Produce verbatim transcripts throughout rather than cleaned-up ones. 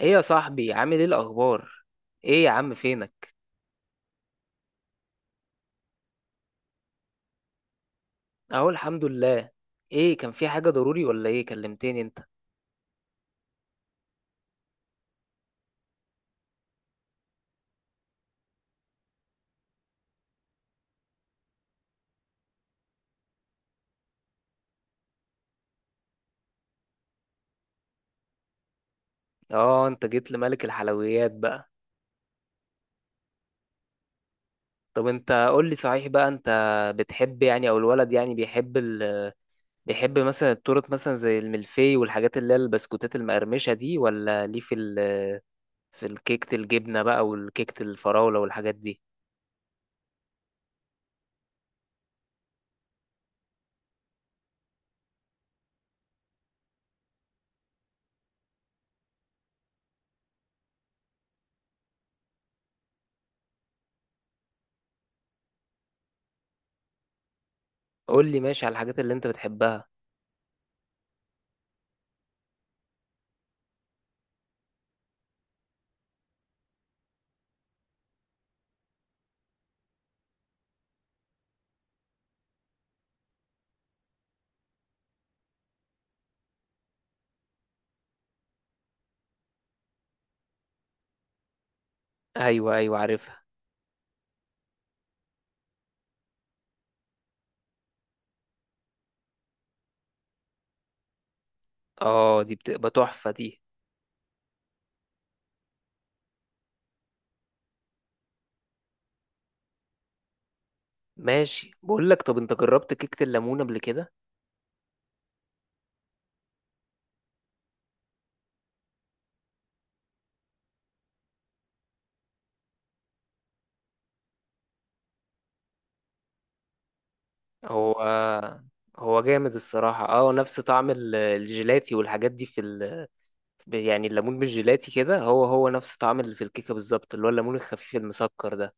ايه يا صاحبي عامل ايه الاخبار؟ ايه يا عم فينك؟ اهو الحمد لله. ايه، كان في حاجة ضروري ولا ايه كلمتني انت؟ اه، انت جيت لملك الحلويات بقى. طب انت قول لي، صحيح بقى، انت بتحب يعني او الولد يعني بيحب ال... بيحب مثلا التورت مثلا زي الملفي والحاجات اللي هي البسكوتات المقرمشة دي، ولا ليه في ال... في الكيكة الجبنة بقى والكيكة الفراولة والحاجات دي؟ قول لي ماشي على الحاجات اللي انت بتحبها. ايوه ايوه، عارفها. اه، دي بتبقى تحفة دي. ماشي بقول لك، طب انت جربت كيكة الليمون قبل كده؟ هو هو جامد الصراحة. اه، نفس طعم ال- الجيلاتي والحاجات دي في ال... يعني الليمون بالجيلاتي كده هو هو نفس طعم اللي في الكيكة بالظبط، اللي هو الليمون الخفيف المسكر ده.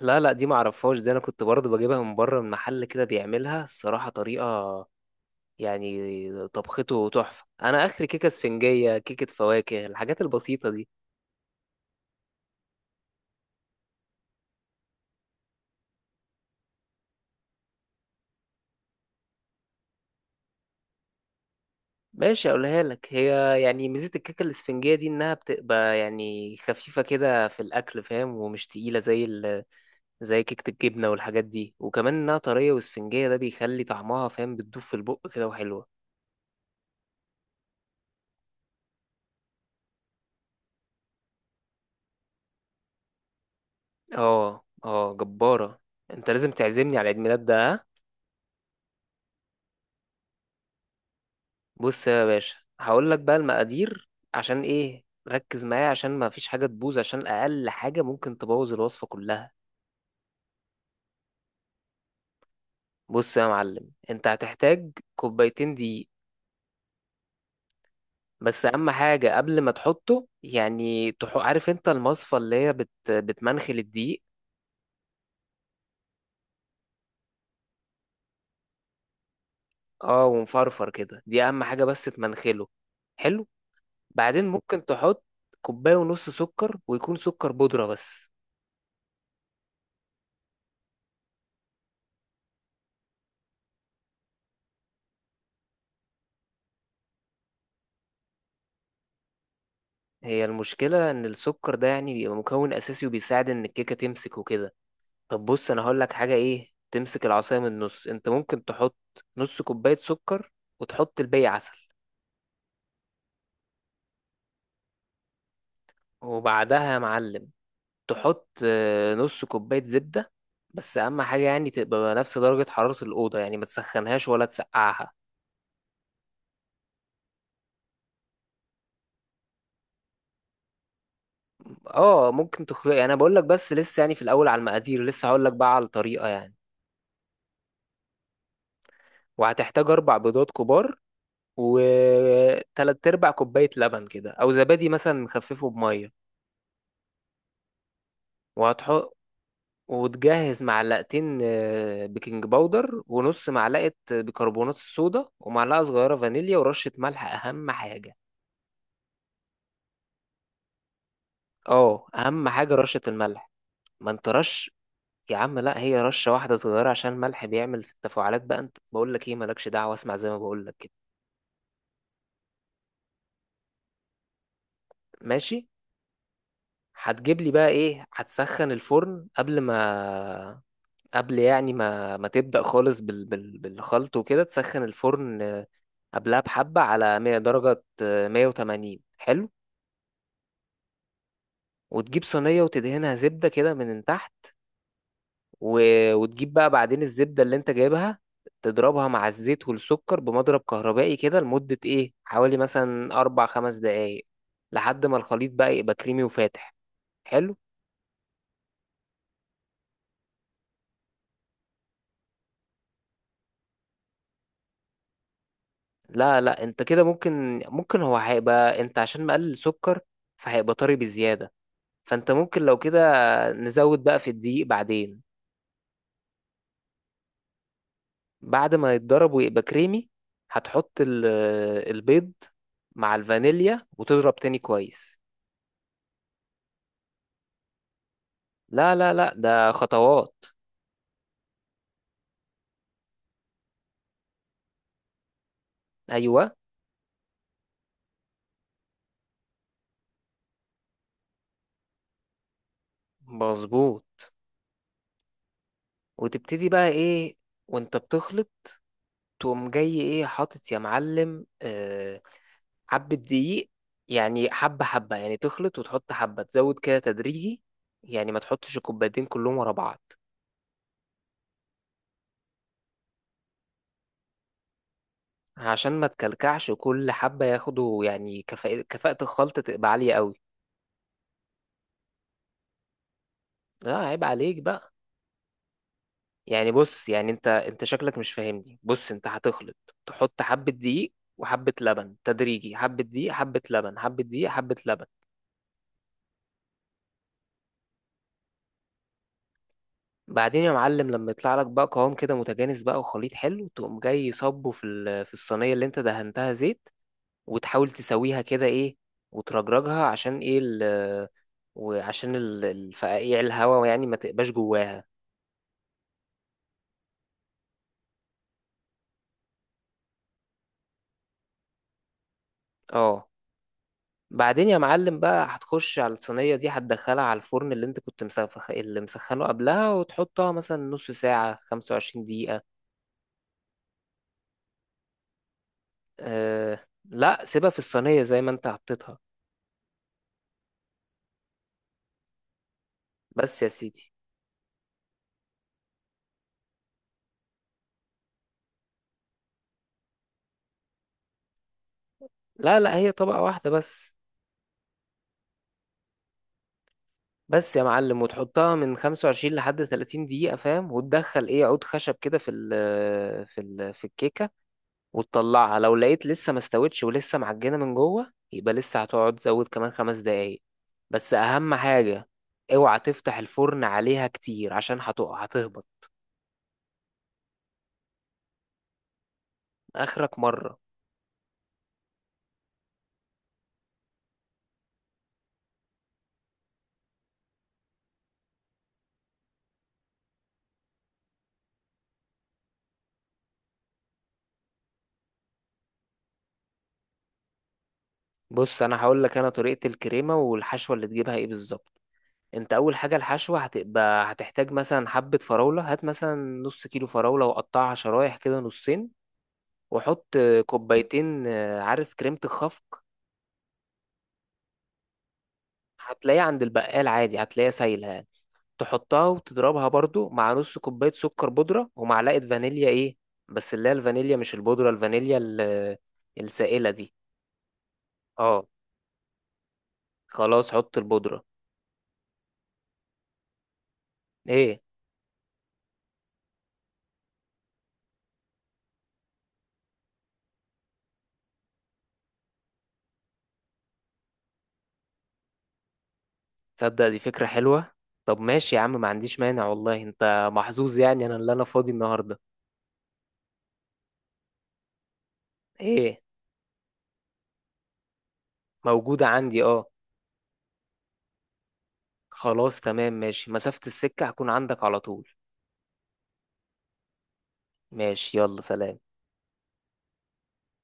لا لا، دي معرفهاش دي. انا كنت برضه بجيبها من بره، من محل كده بيعملها الصراحة، طريقة يعني طبخته تحفة. انا اخر كيكة اسفنجية كيكة فواكه الحاجات البسيطة دي. ماشي اقولها لك. هي يعني ميزة الكيكة الاسفنجية دي انها بتبقى يعني خفيفة كده في الاكل، فاهم، ومش تقيلة زي ال... زي كيكة الجبنة والحاجات دي. وكمان انها طرية واسفنجية، ده بيخلي طعمها فاهم بتدوب في البق كده وحلوة. اه اه، جبارة. انت لازم تعزمني على عيد ميلاد ده، ها. بص يا باشا، هقول لك بقى المقادير، عشان ايه، ركز معايا عشان ما فيش حاجة تبوظ، عشان اقل حاجة ممكن تبوظ الوصفة كلها. بص يا معلم، انت هتحتاج كوبايتين دقيق. بس اهم حاجه قبل ما تحطه يعني تح... عارف انت المصفى اللي هي بت... بتمنخل الدقيق. اه ومفرفر كده، دي اهم حاجه، بس تمنخله. حلو. بعدين ممكن تحط كوبايه ونص سكر، ويكون سكر بودره بس. هي المشكله ان السكر ده يعني بيبقى مكون اساسي، وبيساعد ان الكيكه تمسك وكده. طب بص، انا هقول لك حاجه ايه تمسك العصايه من النص. انت ممكن تحط نص كوبايه سكر، وتحط الباقي عسل. وبعدها يا معلم تحط آه، نص كوباية زبدة. بس أهم حاجة يعني تبقى نفس درجة حرارة الأوضة، يعني ما تسخنهاش ولا تسقعها. اه ممكن تخرج، أنا بقول لك بس لسه يعني في الأول على المقادير، لسه هقول لك بقى على الطريقة يعني. وهتحتاج أربع بيضات كبار، وتلات أرباع كوباية لبن كده أو زبادي مثلا مخففه بمية. وهتحط وتجهز معلقتين آه، بيكنج باودر، ونص معلقة بيكربونات الصودا، ومعلقة صغيرة فانيليا، ورشة ملح أهم حاجة. اه، اهم حاجه رشه الملح. ما انت رش. يا عم لا، هي رشه واحده صغيره عشان الملح بيعمل في التفاعلات. بقى انت بقول لك ايه، مالكش دعوه، اسمع زي ما بقول لك كده. ماشي، هتجيب لي بقى ايه، هتسخن الفرن قبل ما قبل يعني ما ما تبدا خالص بال... بال... بالخلط وكده، تسخن الفرن آه، قبلها بحبه على مية درجه آه، مية وتمانين حلو. وتجيب صينيه وتدهنها زبده كده من تحت. و... وتجيب بقى بعدين الزبدة اللي انت جايبها، تضربها مع الزيت والسكر بمضرب كهربائي كده لمدة ايه حوالي مثلا أربع خمس دقايق، لحد ما الخليط بقى يبقى كريمي وفاتح. حلو. لا لا، انت كده ممكن ممكن هو هيبقى انت عشان مقلل سكر، فهيبقى طري بزيادة. فانت ممكن لو كده نزود بقى في الدقيق بعدين. بعد ما يتضرب ويبقى كريمي، هتحط ال- البيض مع الفانيليا وتضرب تاني كويس. لا لا لا، ده خطوات. ايوه مظبوط. وتبتدي بقى ايه وانت بتخلط، تقوم جاي ايه حاطط يا معلم آه، حبة دقيق. يعني حبة حبة يعني تخلط وتحط حبة، تزود كده تدريجي، يعني ما تحطش الكوبايتين كلهم ورا بعض. عشان ما تكلكعش، وكل حبة ياخدوا يعني كفاءة، كفاءة الخلطة تبقى عالية قوي. لا عيب عليك بقى. يعني بص، يعني انت انت شكلك مش فاهمني. بص انت هتخلط، تحط حبة دقيق وحبة لبن تدريجي، حبة دقيق حبة لبن حبة دقيق حبة لبن. بعدين يا معلم لما يطلع لك بقى قوام كده متجانس بقى، وخليط حلو، تقوم جاي صبه في ال- في الصينيه اللي انت دهنتها زيت. وتحاول تسويها كده ايه، وترجرجها عشان ايه ال، وعشان ال- الفقاقيع الهواء يعني ما تبقاش جواها. اه. بعدين يا معلم بقى هتخش على الصينيه دي، هتدخلها على الفرن اللي انت كنت مسخ اللي مسخنه قبلها، وتحطها مثلا نص ساعه، خمس وعشرين دقيقه. أه لا، سيبها في الصينيه زي ما انت حطيتها. بس يا سيدي. لا لا، هي طبقة واحدة بس. بس يا معلم، وتحطها من خمسة وعشرين لحد ثلاثين دقيقة فاهم، وتدخل ايه عود خشب كده في ال في ال في الكيكة، وتطلعها. لو لقيت لسه ما استوتش ولسه معجنة من جوه، يبقى لسه هتقعد تزود كمان خمس دقايق. بس أهم حاجة، اوعى تفتح الفرن عليها كتير عشان هتقع هتهبط. آخرك مرة. بص أنا هقول لك أنا طريقة الكريمة والحشوة اللي تجيبها ايه بالظبط. انت اول حاجه الحشوه هتبقى، هتحتاج مثلا حبه فراوله، هات مثلا نص كيلو فراوله وقطعها شرايح كده نصين. وحط كوبايتين آه، عارف كريمة الخفق، هتلاقيها عند البقال عادي هتلاقيها سايلة يعني. تحطها وتضربها برضو مع نص كوباية سكر بودرة، ومعلقة فانيليا ايه، بس اللي هي الفانيليا مش البودرة، الفانيليا ال- السائلة دي. اه خلاص حط البودرة. ايه تصدق، دي فكرة حلوة. طب ماشي يا عم، ما عنديش مانع والله. انت محظوظ يعني انا اللي انا فاضي النهاردة. ايه، موجودة عندي اه. خلاص تمام ماشي، مسافة السكة هكون عندك على طول. ماشي يلا سلام.